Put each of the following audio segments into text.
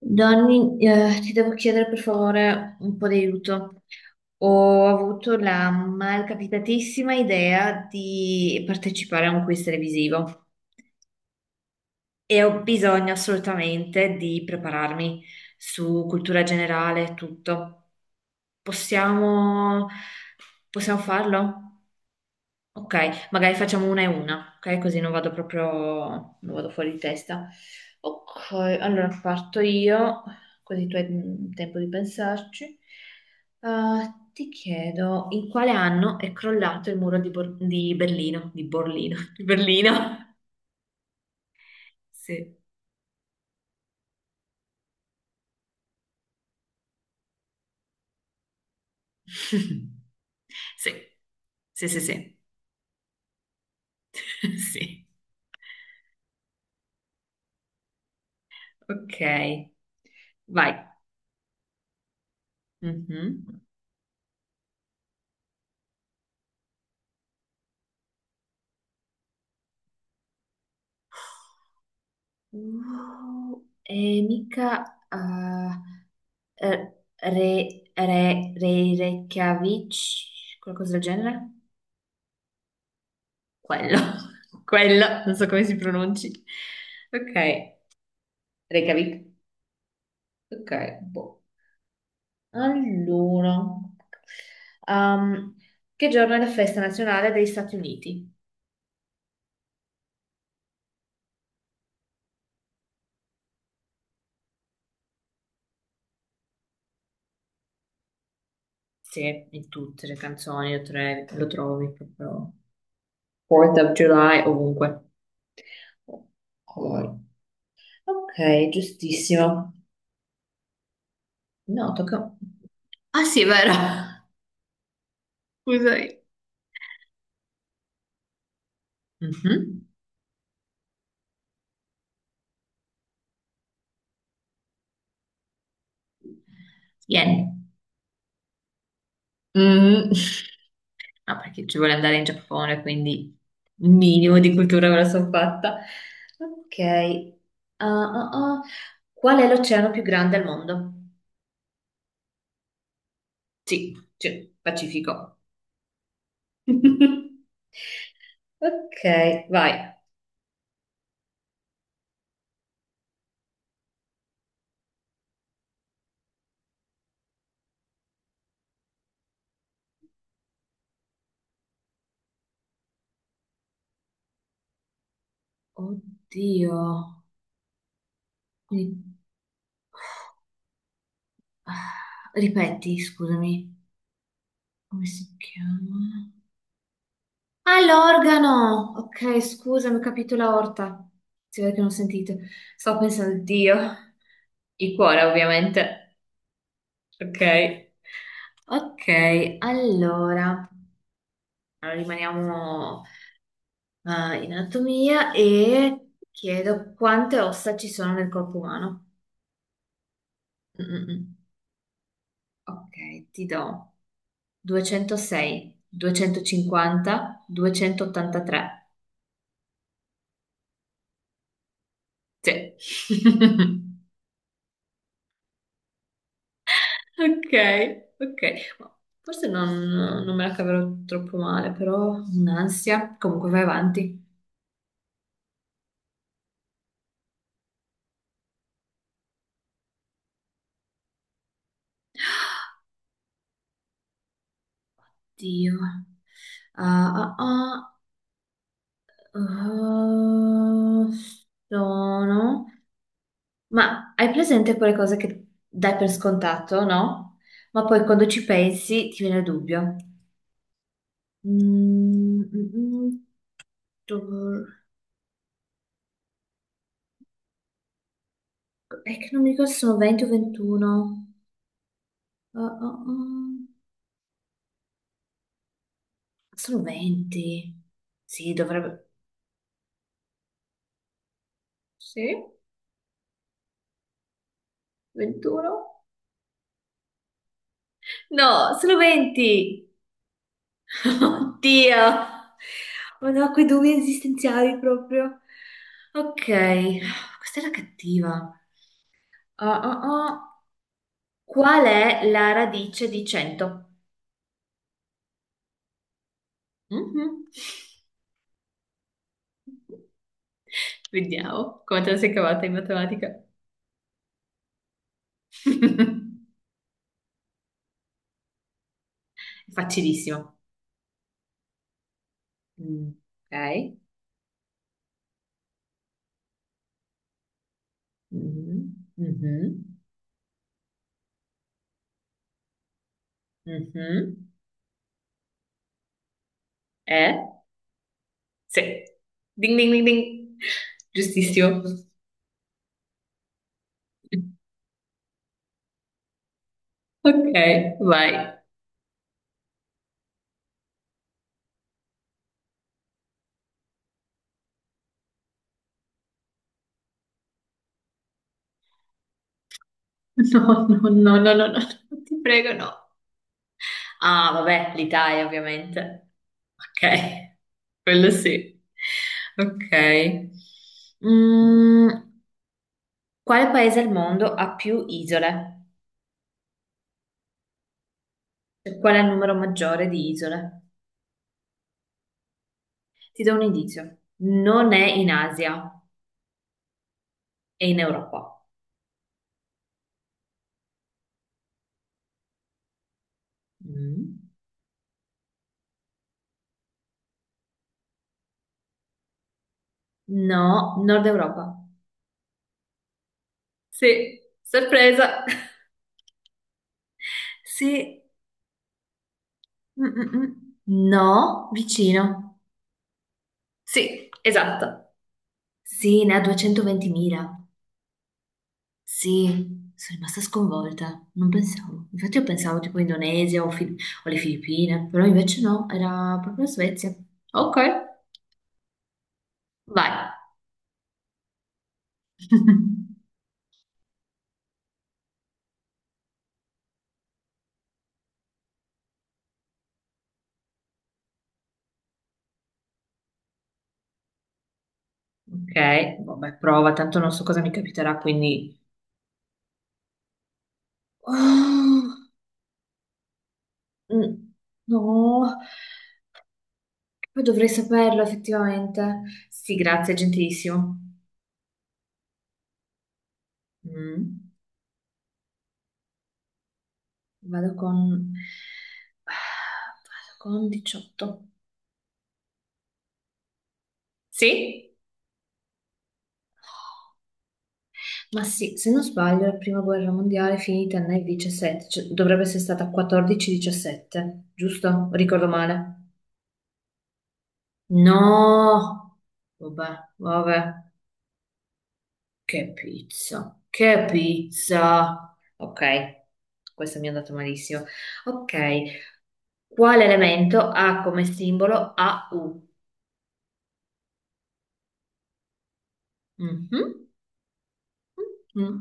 Donny, ti devo chiedere per favore un po' di aiuto. Ho avuto la malcapitatissima idea di partecipare a un quiz televisivo e ho bisogno assolutamente di prepararmi su cultura generale e tutto. Possiamo, possiamo farlo? Ok, magari facciamo una e una, ok? Così non vado proprio, non vado fuori di testa. Ok, allora parto io, così tu hai tempo di pensarci. Ah, ti chiedo in quale anno è crollato il muro di Berlino? Di Borlino? Di Berlino? Sì. Sì, sì, sì, sì. Sì. Ok, vai. Mhm. E mica, eh, Re, Re, Re- Reykjavik, qualcosa del genere? Quello, quello, non so come si pronunci. Ok, Reykjavik. Ok, boh. Allora, um, che giorno è la festa nazionale degli Stati Uniti? Sì, in tutte le canzoni lo trovi proprio. 4th of July, ovunque. Ok, giustissimo. No, tocca. Ah sì, è vero. Scusami. Mhm. Yen. Mm, no, perché ci vuole andare in Giappone, quindi un minimo di cultura me la sono fatta. Ok. Ah, ah, ah. Qual è l'oceano più grande al mondo? Sì, sì, Pacifico. Ok, vai. Oddio. Quindi- ah, ripeti, scusami. Come si chiama? Ah, l'organo! Ok, scusami, ho capito la orta. Si vede che non ho sentito. Stavo pensando, Dio. Il cuore, ovviamente. Ok. Ok, allora. Allora, rimaniamo in anatomia e chiedo quante ossa ci sono nel corpo umano. Mm, mm, mm. Ok, ti do 206, 250, 283. Sì. Ok, ok. Forse non me la caverò troppo male, però un'ansia. Comunque vai avanti. Dio. Ah, ah, ah. Ah, sono. Ma hai presente quelle cose che dai per scontato, no? Ma poi quando ci pensi ti viene il dubbio. Mm, mm, mm, do- è che non mi ricordo se sono 20 o 21. Ah, ah, ah. Sono 20. Sì, dovrebbe. Sì, 21? No, sono 20! Oddio! Oh no, quei dubbi esistenziali proprio. Ok, questa era cattiva. Ah, ah, ah. Qual è la radice di 100? Mhm. Vediamo come te la sei cavata in matematica. È facilissimo. Mm, ok. Mhm, mhm, mhm. Eh? Sì. Ding ding ding ding. Giustissimo. Ok, vai. No, no, no, no, no, no, ti prego, no. Ah, vabbè, l'Italia, ovviamente. Ok, quello sì. Ok. Mm, quale paese al mondo ha più isole? Cioè, qual è il numero maggiore di isole? Ti do un indizio. Non è in Asia, è in Europa. Mm. No, Nord Europa. Sì, sorpresa. Sì, mm, mm, mm. No, vicino. Sì, esatto. Sì, ne ha 220.000. Sì, sono rimasta sconvolta, non pensavo. Infatti io pensavo tipo Indonesia o le Filippine, però invece no, era proprio la Svezia. Ok, vai. Ok, vabbè, prova, tanto non so cosa mi capiterà, quindi. Oh, mm, no, poi dovrei saperlo effettivamente. Sì, grazie, gentilissimo. Mm. Vado con... Vado con 18. Sì? Ma sì, se non sbaglio, la prima guerra mondiale è finita nel 17, cioè, dovrebbe essere stata 14-17, giusto? Ricordo male. No! Vabbè, vabbè. Che pizza, che pizza. Ok, questo mi è andato malissimo. Ok, quale elemento ha come simbolo AU? Mhm, mhm,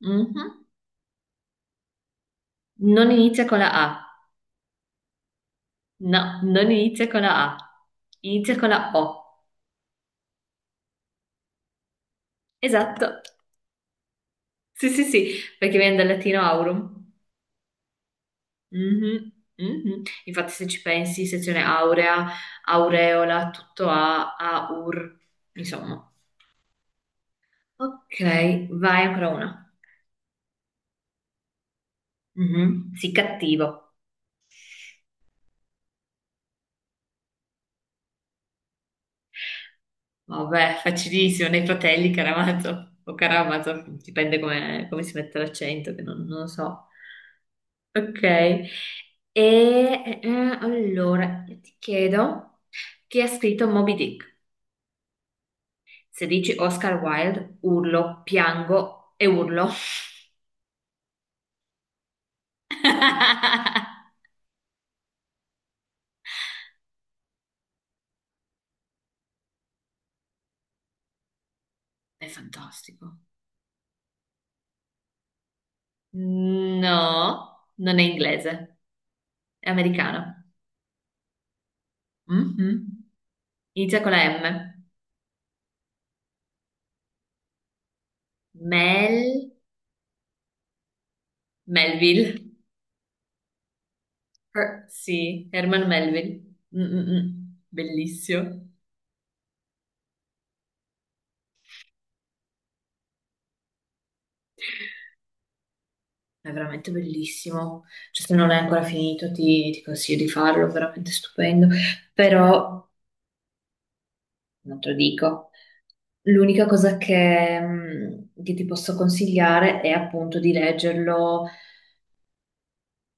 mhm. Non inizia con la A. No, non inizia con la A, inizia con la O. Esatto. Sì, sì, sì, perché viene dal latino aurum. Mhm, mhm. Infatti, se ci pensi, sezione aurea, aureola, tutto A, aur, insomma. Ok, vai ancora una. Mhm, sì, cattivo. Vabbè, facilissimo, nei fratelli Caramazo o Caramazo, dipende come si mette l'accento, che non lo so. Ok, e allora io ti chiedo chi ha scritto Moby Dick? Se dici Oscar Wilde, urlo, piango e urlo. È fantastico. No, non è inglese, è americano. Mhm. Inizia con la M. Mel, Melville. Sì, Herman Melville. Mm, mm, mm. Bellissimo. È veramente bellissimo. Cioè, se non l'hai ancora finito, ti consiglio di farlo, è veramente stupendo. Però, non te lo dico, l'unica cosa che ti posso consigliare è appunto di leggerlo,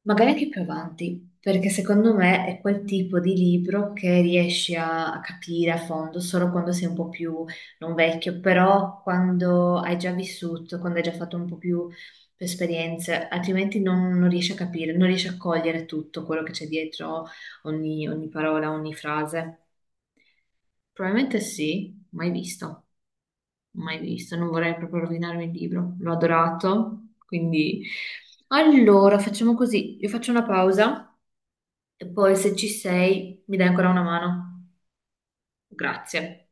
magari anche più avanti, perché secondo me è quel tipo di libro che riesci a capire a fondo solo quando sei un po' più, non vecchio, però quando hai già vissuto, quando hai già fatto un po' più esperienze, altrimenti non riesci a capire, non riesci a cogliere tutto quello che c'è dietro ogni parola, ogni frase. Probabilmente sì, mai visto, mai visto, non vorrei proprio rovinarmi il libro, l'ho adorato, quindi. Allora, facciamo così, io faccio una pausa. E poi se ci sei, mi dai ancora una mano? Grazie.